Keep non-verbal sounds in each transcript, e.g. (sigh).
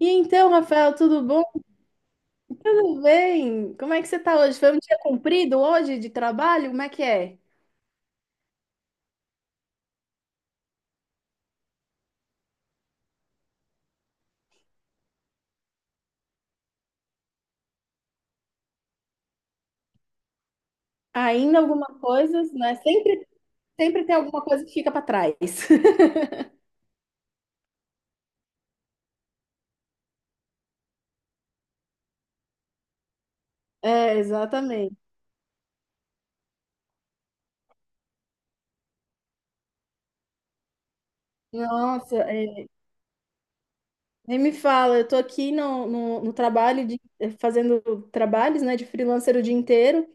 E então, Rafael, tudo bom? Tudo bem? Como é que você tá hoje? Foi um dia comprido hoje de trabalho? Como é que é? Ainda alguma coisa, né? Sempre tem alguma coisa que fica para trás. (laughs) É, exatamente. Nossa, nem me fala, eu tô aqui no trabalho de fazendo trabalhos, né, de freelancer o dia inteiro,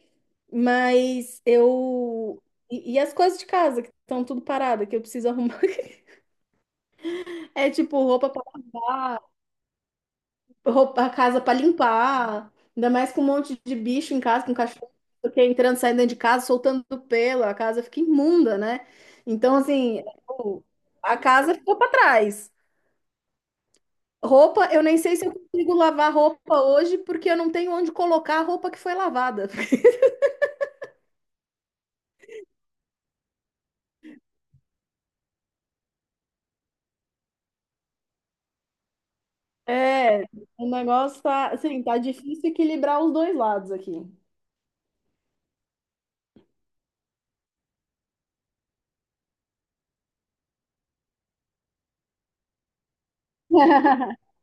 mas eu e as coisas de casa que estão tudo parada, que eu preciso arrumar. (laughs) É tipo roupa para lavar. Roupa, a casa para limpar, ainda mais com um monte de bicho em casa, com cachorro, porque entrando, saindo dentro de casa, soltando pelo, a casa fica imunda, né? Então, assim, eu- a casa ficou para trás. Roupa, eu nem sei se eu consigo lavar roupa hoje, porque eu não tenho onde colocar a roupa que foi lavada. (laughs) É, o negócio tá, assim, tá difícil equilibrar os dois lados aqui. (laughs)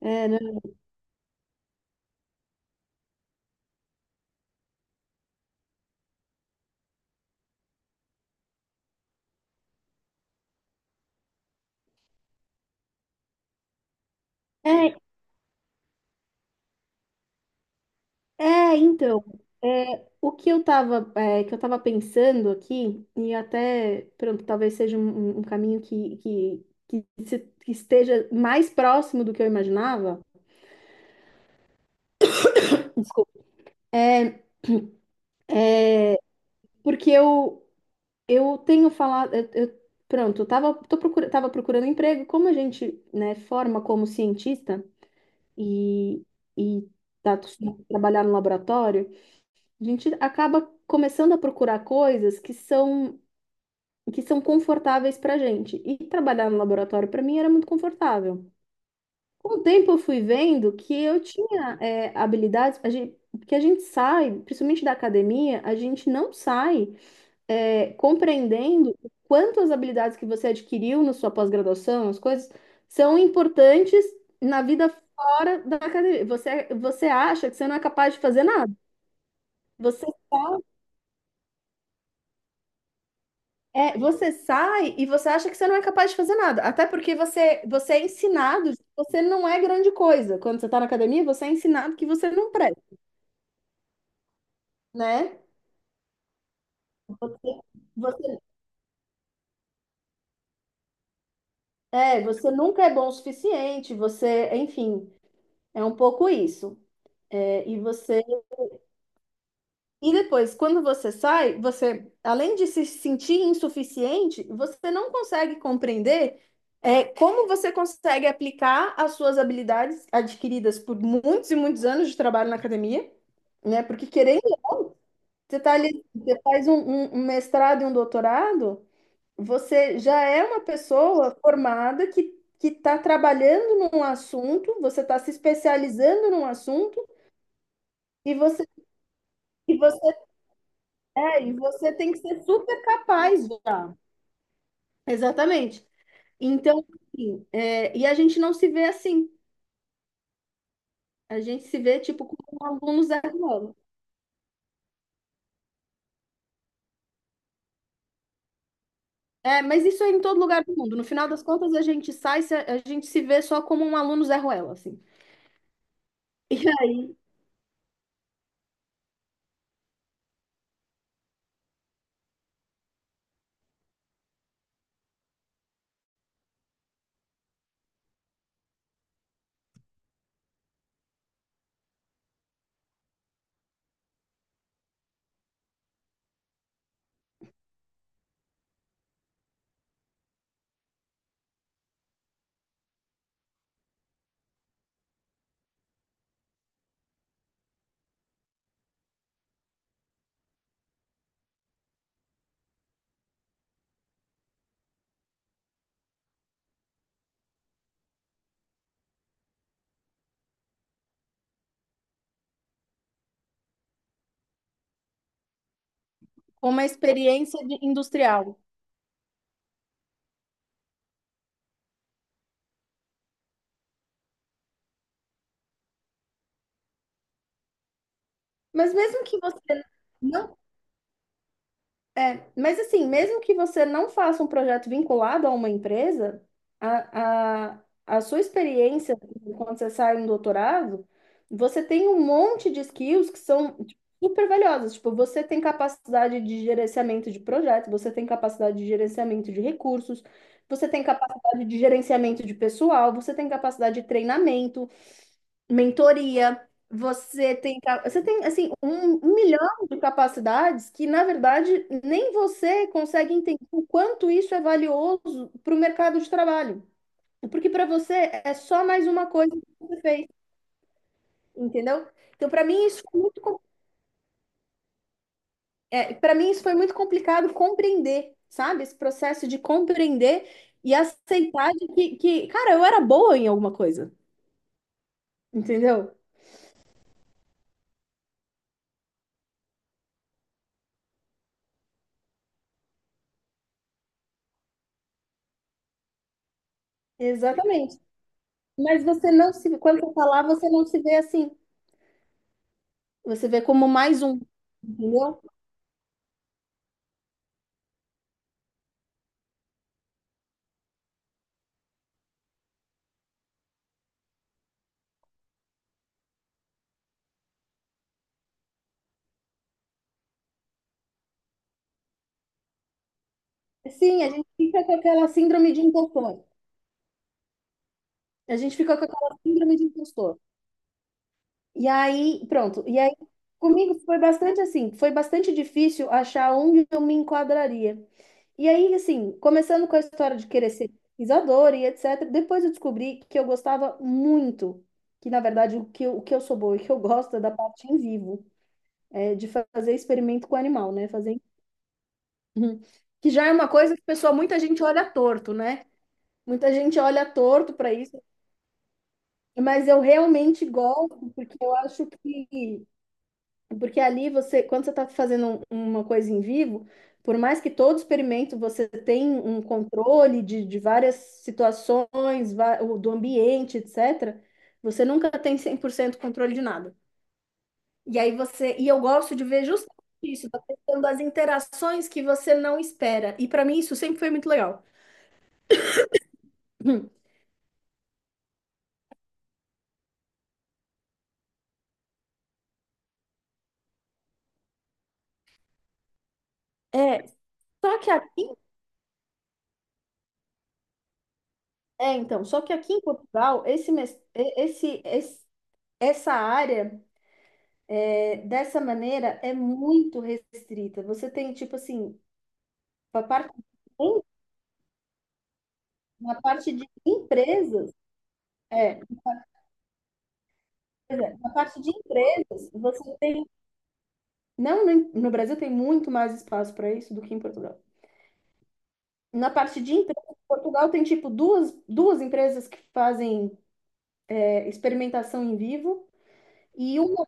É, né? É, então, o que eu tava, é, que eu tava pensando aqui, e até, pronto, talvez seja um caminho que, se- que esteja mais próximo do que eu imaginava, desculpa, é porque eu tenho falado, pronto, eu tava, tô procura, tava procurando emprego, como a gente, né, forma como cientista e, e tá acostumado a trabalhar no laboratório, a gente acaba começando a procurar coisas que são confortáveis para a gente. E trabalhar no laboratório para mim era muito confortável. Com o tempo eu fui vendo que eu tinha habilidades, a gente, porque a gente sai, principalmente da academia, a gente não sai compreendendo o quanto as habilidades que você adquiriu na sua pós-graduação, as coisas, são importantes na vida fora da academia. Você acha que você não é capaz de fazer nada. Você você sai e você acha que você não é capaz de fazer nada. Até porque você é ensinado que você não é grande coisa. Quando você está na academia, você é ensinado que você não presta, né? Você, você- você nunca é bom o suficiente, você, enfim, é um pouco isso. É, e você E depois, quando você sai, você, além de se sentir insuficiente, você não consegue compreender como você consegue aplicar as suas habilidades adquiridas por muitos e muitos anos de trabalho na academia, né? Porque querendo ou não, você tá ali, você faz um mestrado e um doutorado, você já é uma pessoa formada que está trabalhando num assunto, você está se especializando num assunto e você e você e você tem que ser super capaz já. Exatamente. Então, assim, e a gente não se vê assim. A gente se vê, tipo, como alunos zero. É, mas isso é em todo lugar do mundo. No final das contas, a gente sai, a gente se vê só como um aluno Zé Ruela, assim. E aí, com uma experiência industrial. Mas mesmo que você não mas assim, mesmo que você não faça um projeto vinculado a uma empresa, a sua experiência quando você sai um doutorado, você tem um monte de skills que são tipo, super valiosas. Tipo, você tem capacidade de gerenciamento de projetos, você tem capacidade de gerenciamento de recursos, você tem capacidade de gerenciamento de pessoal, você tem capacidade de treinamento mentoria, você tem assim um, um milhão de capacidades que, na verdade, nem você consegue entender o quanto isso é valioso para o mercado de trabalho. Porque para você é só mais uma coisa que você fez, entendeu? Então, para mim isso foi muito, com- é, para mim isso foi muito complicado compreender, sabe? Esse processo de compreender e aceitar de que, cara, eu era boa em alguma coisa, entendeu? Exatamente. Mas você não se, quando você falar, você não se vê assim. Você vê como mais um, entendeu? Sim, a gente fica com aquela síndrome de impostor. A gente fica com aquela síndrome de impostor. E aí, pronto. E aí, comigo foi bastante difícil achar onde eu me enquadraria. E aí, assim, começando com a história de querer ser pesquisadora e etc., depois eu descobri que eu gostava muito, que na verdade o que eu sou boa e que eu gosto é da parte em vivo, é de fazer experimento com animal, né? Fazer Uhum. Que já é uma coisa que, pessoal, muita gente olha torto, né? Muita gente olha torto para isso, mas eu realmente gosto, porque eu acho que. Porque ali você, quando você está fazendo uma coisa em vivo, por mais que todo experimento você tem um controle de várias situações, do ambiente, etc., você nunca tem 100% controle de nada. E aí você. E eu gosto de ver justamente isso, da questão das interações que você não espera. E para mim isso sempre foi muito legal. É, só que aqui, só que aqui em Portugal, esse, mes- e- esse- essa área, dessa maneira, é muito restrita. Você tem, tipo assim, a parte, na parte de empresas, é, pois é, na parte de empresas, você tem, não, no Brasil tem muito mais espaço para isso do que em Portugal. Na parte de empresas, Portugal tem, tipo, duas empresas que fazem, experimentação em vivo, e uma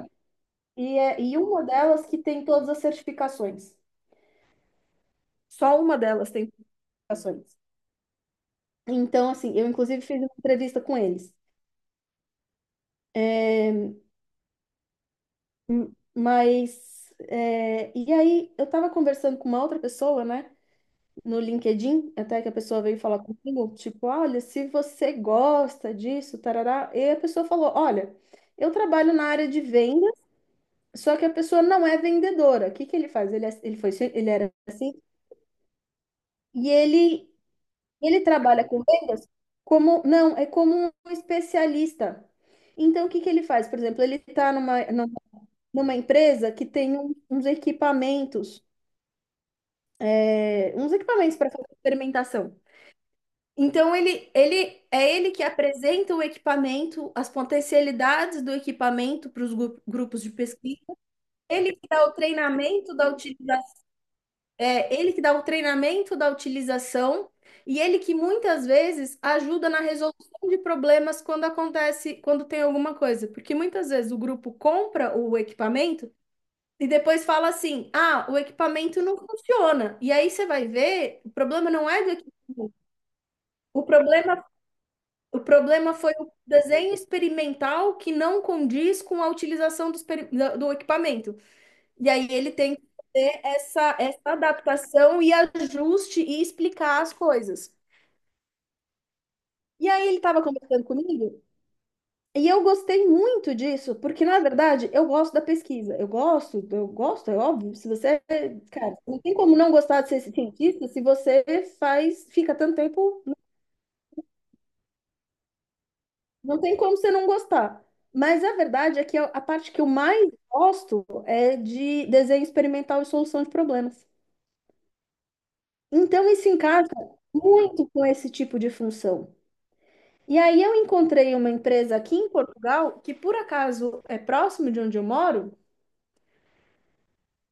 e uma delas que tem todas as certificações. Só uma delas tem certificações. Então, assim, eu inclusive fiz uma entrevista com eles. Mas, e aí eu tava conversando com uma outra pessoa, né, no LinkedIn, até que a pessoa veio falar comigo, tipo, olha, se você gosta disso, tarará. E a pessoa falou, olha, eu trabalho na área de venda, só que a pessoa não é vendedora. O que que ele faz? Ele, é- ele foi, ci- ele era assim, e ele Ele trabalha com vendas como, não, é como um especialista. Então, o que que ele faz? Por exemplo, ele está numa empresa que tem uns equipamentos para fazer fermentação. Então, ele é ele que apresenta o equipamento, as potencialidades do equipamento para os grupos de pesquisa. Ele que dá o treinamento da utilização É ele que dá o treinamento da utilização e ele que muitas vezes ajuda na resolução de problemas quando acontece, quando tem alguma coisa. Porque muitas vezes o grupo compra o equipamento e depois fala assim: ah, o equipamento não funciona. E aí você vai ver, o problema não é do equipamento. O problema, o problema foi o desenho experimental que não condiz com a utilização do equipamento. E aí ele tem que fazer essa adaptação e ajuste e explicar as coisas. E aí ele estava conversando comigo e eu gostei muito disso, porque na verdade eu gosto da pesquisa. Eu gosto, é óbvio. Se você, cara, não tem como não gostar de ser cientista se você faz, fica tanto tempo, não tem como você não gostar. Mas a verdade é que a parte que eu mais gosto é de desenho experimental e solução de problemas. Então, isso encaixa muito com esse tipo de função. E aí, eu encontrei uma empresa aqui em Portugal, que por acaso é próximo de onde eu moro,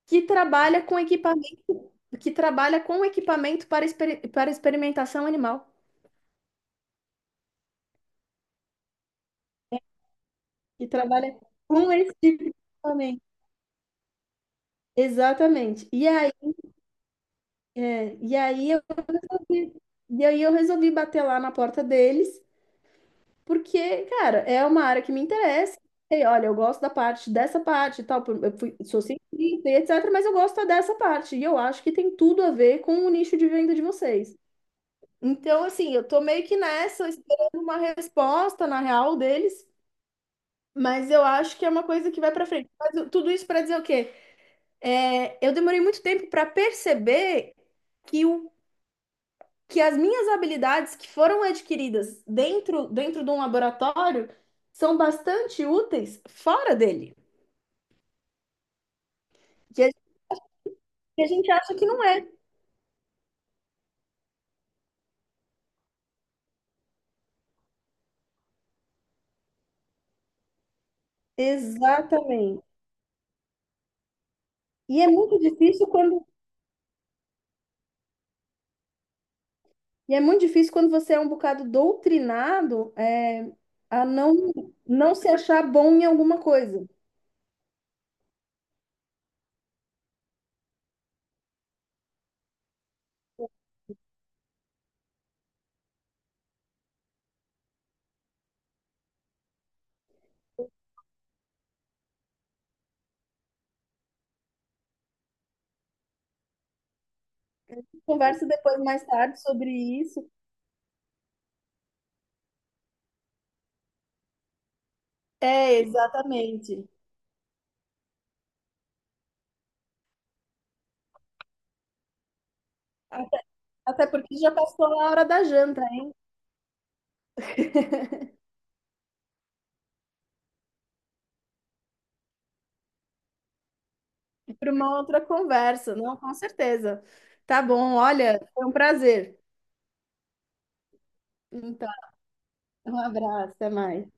que trabalha com equipamento, que trabalha com equipamento para experimentação animal, que trabalha com esse tipo de equipamento. Exatamente. E aí, é, e aí eu resolvi, e aí eu resolvi bater lá na porta deles. Porque, cara, é uma área que me interessa. E, olha, eu gosto da parte dessa parte e tal. Sou cientista e etc., mas eu gosto dessa parte. E eu acho que tem tudo a ver com o nicho de venda de vocês. Então, assim, eu tô meio que nessa, esperando uma resposta, na real, deles. Mas eu acho que é uma coisa que vai pra frente. Tudo isso pra dizer o quê? É, eu demorei muito tempo pra perceber que o que as minhas habilidades que foram adquiridas dentro, de um laboratório são bastante úteis fora dele, que a, que a gente acha que não é. Exatamente. E é muito difícil quando você é um bocado doutrinado, a não se achar bom em alguma coisa. Conversa depois, mais tarde, sobre isso. É, exatamente. Até, até porque já passou a hora da janta. Para uma outra conversa, não, com certeza. Tá bom, olha, foi um prazer. Então, um abraço, até mais.